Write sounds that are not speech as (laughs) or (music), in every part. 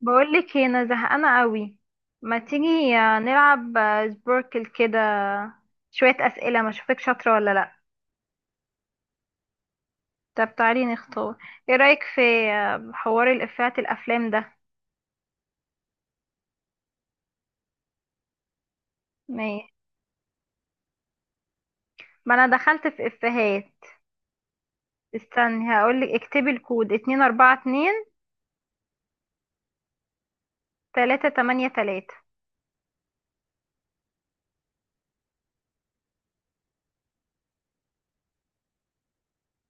بقولك إيه، انا زهقانه قوي. ما تيجي نلعب سبوركل كده شويه اسئله ما اشوفك شاطره ولا لا. طب تعالي نختار، ايه رايك في حوار الافيهات الافلام ده؟ ما ما انا دخلت في افيهات. استني هقولك، اكتبي الكود اتنين اربعة اتنين، تلاتة تمانية تلاتة.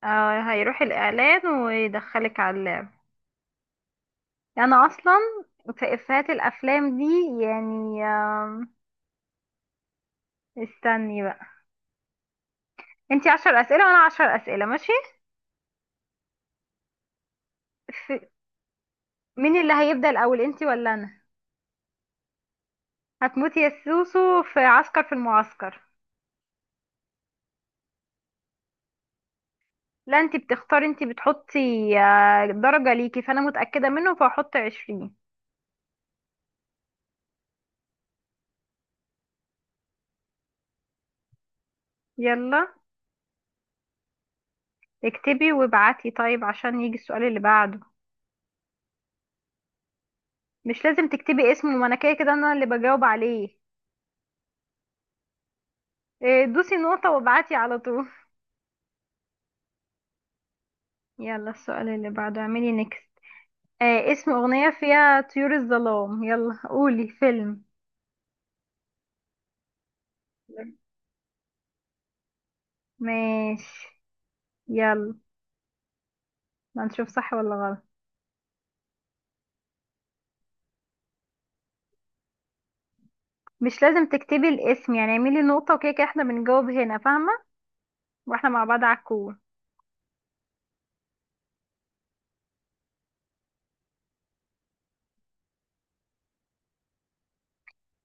آه هيروح الاعلان ويدخلك على اللعب. انا اصلا في افيهات الافلام دي يعني استني بقى. انتي عشر اسئله وانا عشر اسئله ماشي؟ في... مين اللي هيبدأ الأول، انتي ولا أنا؟ هتموتي يا سوسو في عسكر في المعسكر. لا انتي بتختاري، انتي بتحطي. درجة ليكي فأنا متأكدة منه فهحط عشرين. يلا اكتبي وابعتي طيب عشان يجي السؤال اللي بعده. مش لازم تكتبي اسمه، ما انا كده كده انا اللي بجاوب عليه. دوسي نقطة وابعتي على طول. يلا السؤال اللي بعده اعملي نيكست. آه، اسم أغنية فيها طيور الظلام. يلا قولي فيلم. ماشي يلا، هنشوف صح ولا غلط. مش لازم تكتبي الاسم يعني، اعملي نقطة وكده كده احنا بنجاوب هنا، فاهمة؟ واحنا مع بعض على الكور.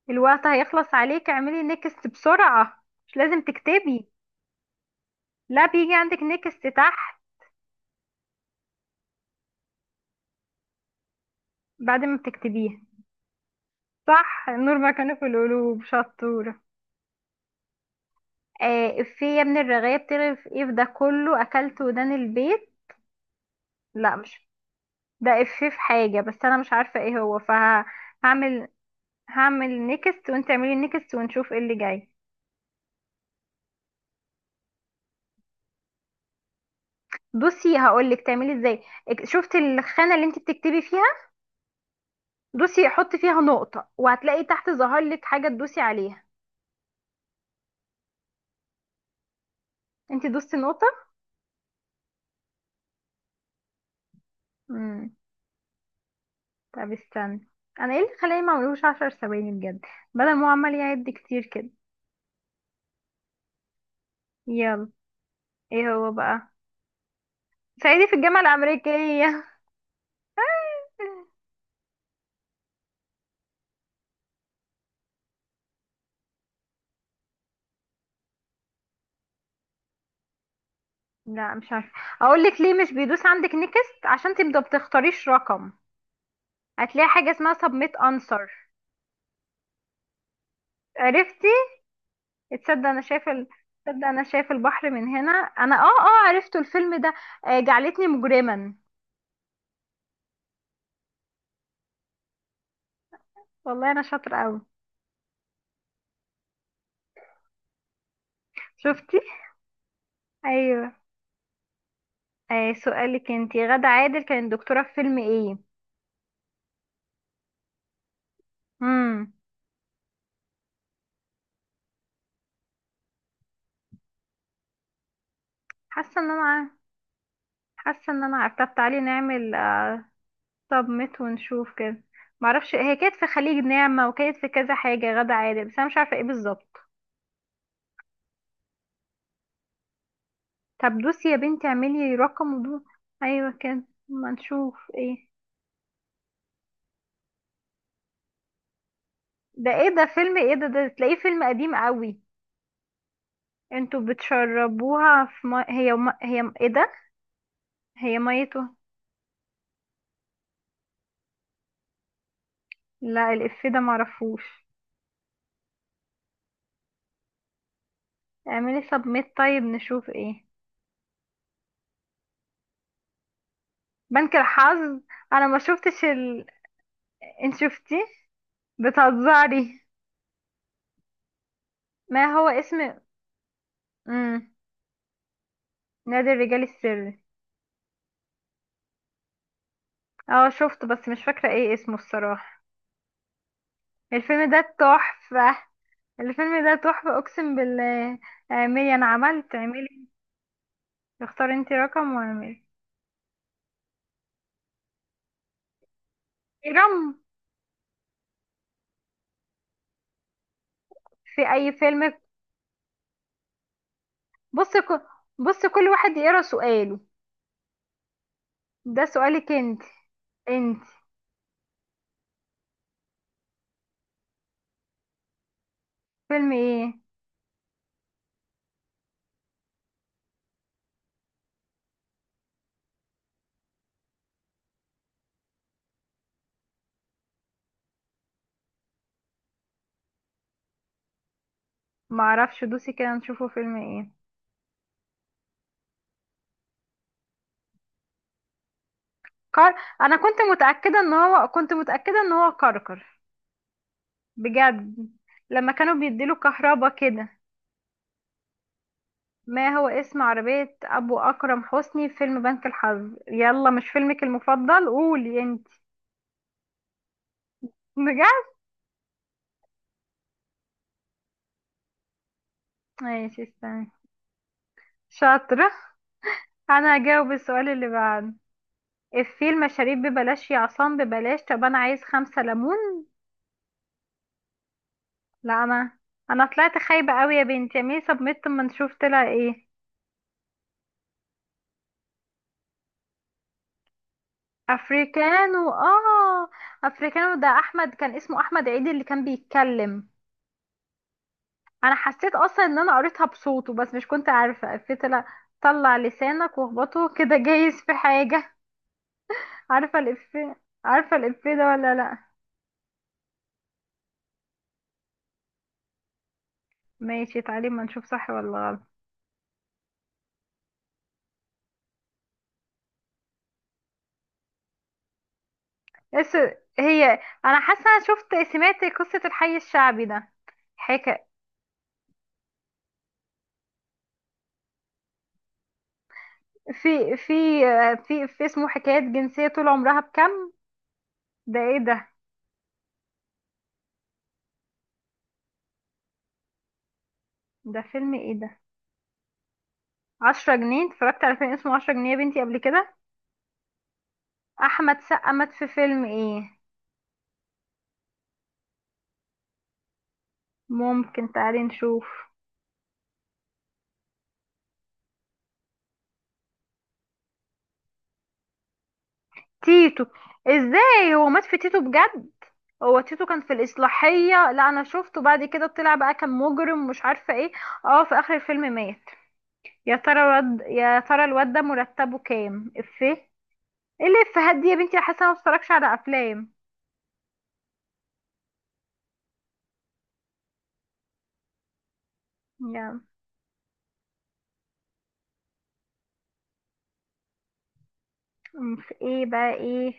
الوقت هيخلص عليك، اعملي نيكست بسرعة، مش لازم تكتبي. لا، بيجي عندك نيكست تحت بعد ما بتكتبيه. صح، النور مكانه في القلوب، شطورة. آه، افيه يا ابن الرغاية بتعرف ايه في ده كله اكلت ودان البيت. لا مش، ده افيه في حاجة بس انا مش عارفة ايه هو، فهعمل، هعمل نيكست وانت اعملي نيكست ونشوف ايه اللي جاي. بصي هقولك تعملي ازاي، شفت الخانة اللي انت بتكتبي فيها؟ دوسي حطي فيها نقطة وهتلاقي تحت ظهر لك حاجة تدوسي عليها. انت دوستي نقطة؟ امم طب استني. انا ايه اللي خلاني ما اعملوش عشر ثواني بجد، بدل ما هو عمال يعد كتير كده. يلا، ايه هو بقى؟ صعيدي في الجامعة الأمريكية. (laughs) لا مش عارفة. اقولك ليه مش بيدوس عندك نكست، عشان تبدأ بتختاريش رقم. هتلاقي حاجة اسمها سبميت انسر. عرفتي؟ تصدق انا شايف ال... تصدق انا شايف البحر من هنا. انا عرفت الفيلم ده. جعلتني مجرما. والله انا شاطره قوي، شفتي؟ ايوه. آه، سؤالك انتي، غادة عادل كانت دكتوره في فيلم ايه؟ امم حاسه ان انا حاسه ان انا عارفه. طب تعالي نعمل سبميت ونشوف كده. معرفش، هي كانت في خليج نعمة وكانت في كذا حاجة غادة عادل، بس انا مش عارفة ايه بالظبط. طب دوسي يا بنتي، اعملي رقم ودو. ايوه كده. ما نشوف ايه. ده ايه ده، فيلم ايه ده تلاقيه فيلم قديم قوي. انتوا بتشربوها في ما... هي ما... هي ايه ده؟ هي ميته. لا، الإفيه ده معرفوش. اعملي سبميت طيب نشوف ايه. بنك الحظ. انا ما شفتش ال... انت شفتيه؟ بتهزري. ما هو اسم. امم نادي الرجال السري. اه شفته بس مش فاكرة ايه اسمه الصراحة. الفيلم ده تحفة. الفيلم ده تحفة اقسم بالله. اعملي، انا عملت، اعملي. اختاري انت رقم واعملي. اجرام. في اي فيلم؟ بص ك... بص كل واحد يقرا سؤاله. ده سؤالك انت. انت فيلم ايه؟ ما اعرفش، دوسي كده نشوفه فيلم ايه. كار... انا كنت متاكده ان هو كركر، بجد. لما كانوا بيديله كهربا كده. ما هو اسم عربيه ابو اكرم حسني في فيلم بنك الحظ؟ يلا، مش فيلمك المفضل؟ قولي انت. بجد. ماشي استني. شاطره. انا هجاوب السؤال اللي بعده. الفيل، مشاريب ببلاش يا عصام، ببلاش، طب انا عايز خمسة ليمون. لا انا، انا طلعت خايبة قوي يا بنتي، اعملي سبميت اما نشوف طلع ايه. افريكانو، اه. افريكانو ده احمد، كان اسمه احمد عيد اللي كان بيتكلم. انا حسيت اصلا ان انا قريتها بصوته بس مش كنت عارفة افيه طلع. طلع لسانك واخبطه كده جايز في حاجة. عارفة الافيه؟ عارفة الافيه ده ولا لا؟ ماشي تعالي ما نشوف صح ولا غلط. بس، هي، انا حاسه انا سمعت قصه الحي الشعبي ده. حكا في في في اسمه حكايات جنسيه طول عمرها بكم. ده ايه ده، ده فيلم ايه ده؟ عشرة جنيه. اتفرجت على فيلم اسمه عشرة جنيه يا بنتي قبل كده؟ احمد سقا مات في فيلم ايه؟ ممكن، تعالي نشوف. تيتو. ازاي هو مات في تيتو بجد؟ هو تيتو كان في الإصلاحية، لا أنا شفته بعد كده طلع بقى كان مجرم مش عارفة ايه. اه، في آخر الفيلم مات. يا ترى الواد ده مرتبه كام، افيه ايه؟ إيه اللي افيهات دي يا بنتي، أنا حاسه أنا ما بتفرجش على افلام. يا في ايه بقى، ايه؟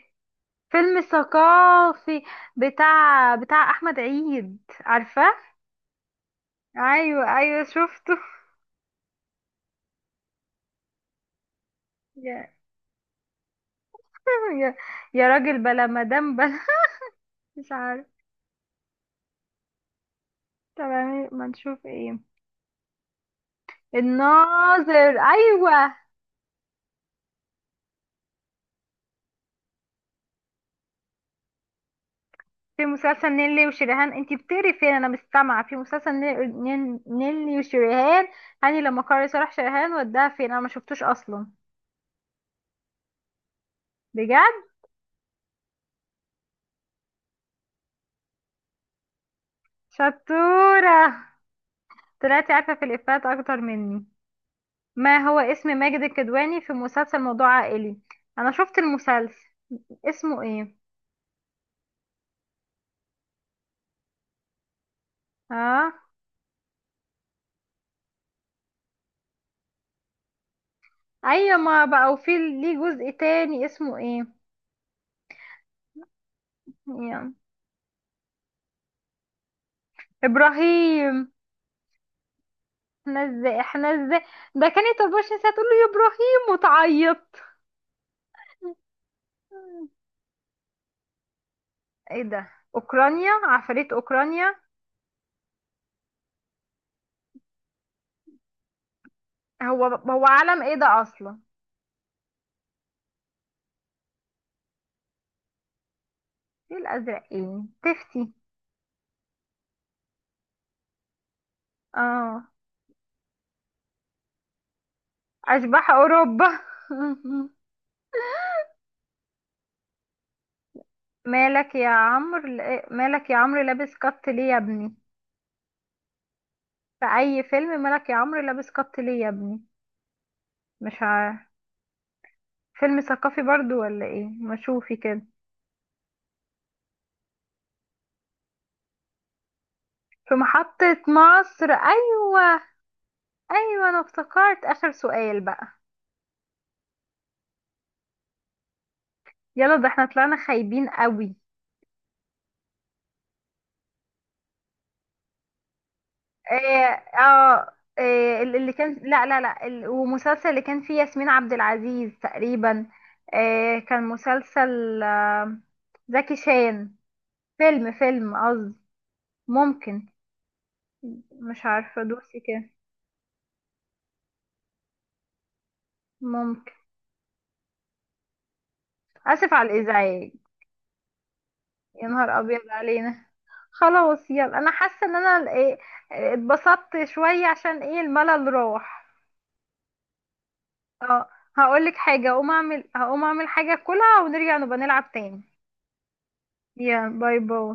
فيلم ثقافي. بتاع احمد عيد، عارفه. ايوه ايوه شفته. يا يا, يا راجل بلا مدام بلا. مش عارف. طب يعني ما نشوف ايه. الناظر، ايوه. في مسلسل نيللي وشريهان. انت بتقري فين؟ انا مستمعه. في مسلسل نيللي وشريهان، هاني لما قرر صالح شريهان، وداها فين؟ انا ما شفتوش اصلا. بجد؟ شطوره، طلعتي عارفه في الافيهات اكتر مني. ما هو اسم ماجد الكدواني في مسلسل موضوع عائلي؟ انا شفت المسلسل، اسمه ايه؟ اه، ايوه، ما بقى وفي ليه جزء تاني، اسمه ايه؟ يعني. ابراهيم. احنا ازاي ده، كانت 24 ساعه تقول له يا ابراهيم وتعيط. ايه ده، اوكرانيا، عفاريت اوكرانيا؟ هو علم ايه ده اصلا؟ ايه الازرقين، تفتي اه؟ اشباح اوروبا. (laughs) مالك يا عمرو لا- مالك يا عمرو لابس قط ليه يا ابني. في اي فيلم مالك يا عمرو لابس قط ليه يا ابني؟ مش عارف. فيلم ثقافي برضو ولا ايه، ما شوفي كده. في محطة مصر، ايوه. ايوه انا افتكرت، اخر سؤال بقى. يلا، ده احنا طلعنا خايبين قوي. اه، آه، اللي كان، لا لا لا، ومسلسل اللي كان فيه ياسمين عبد العزيز تقريبا. كان مسلسل، زكي شان. فيلم قصدي. ممكن. مش عارفة، دوسي كده. ممكن. آسف على الإزعاج. يا نهار أبيض علينا. خلاص يلا، أنا حاسة إن أنا اتبسطت شوية، عشان الملل راح. اه، هقولك حاجة، هقوم أعمل حاجة كلها ونرجع نبقى نلعب تاني. يا باي باي.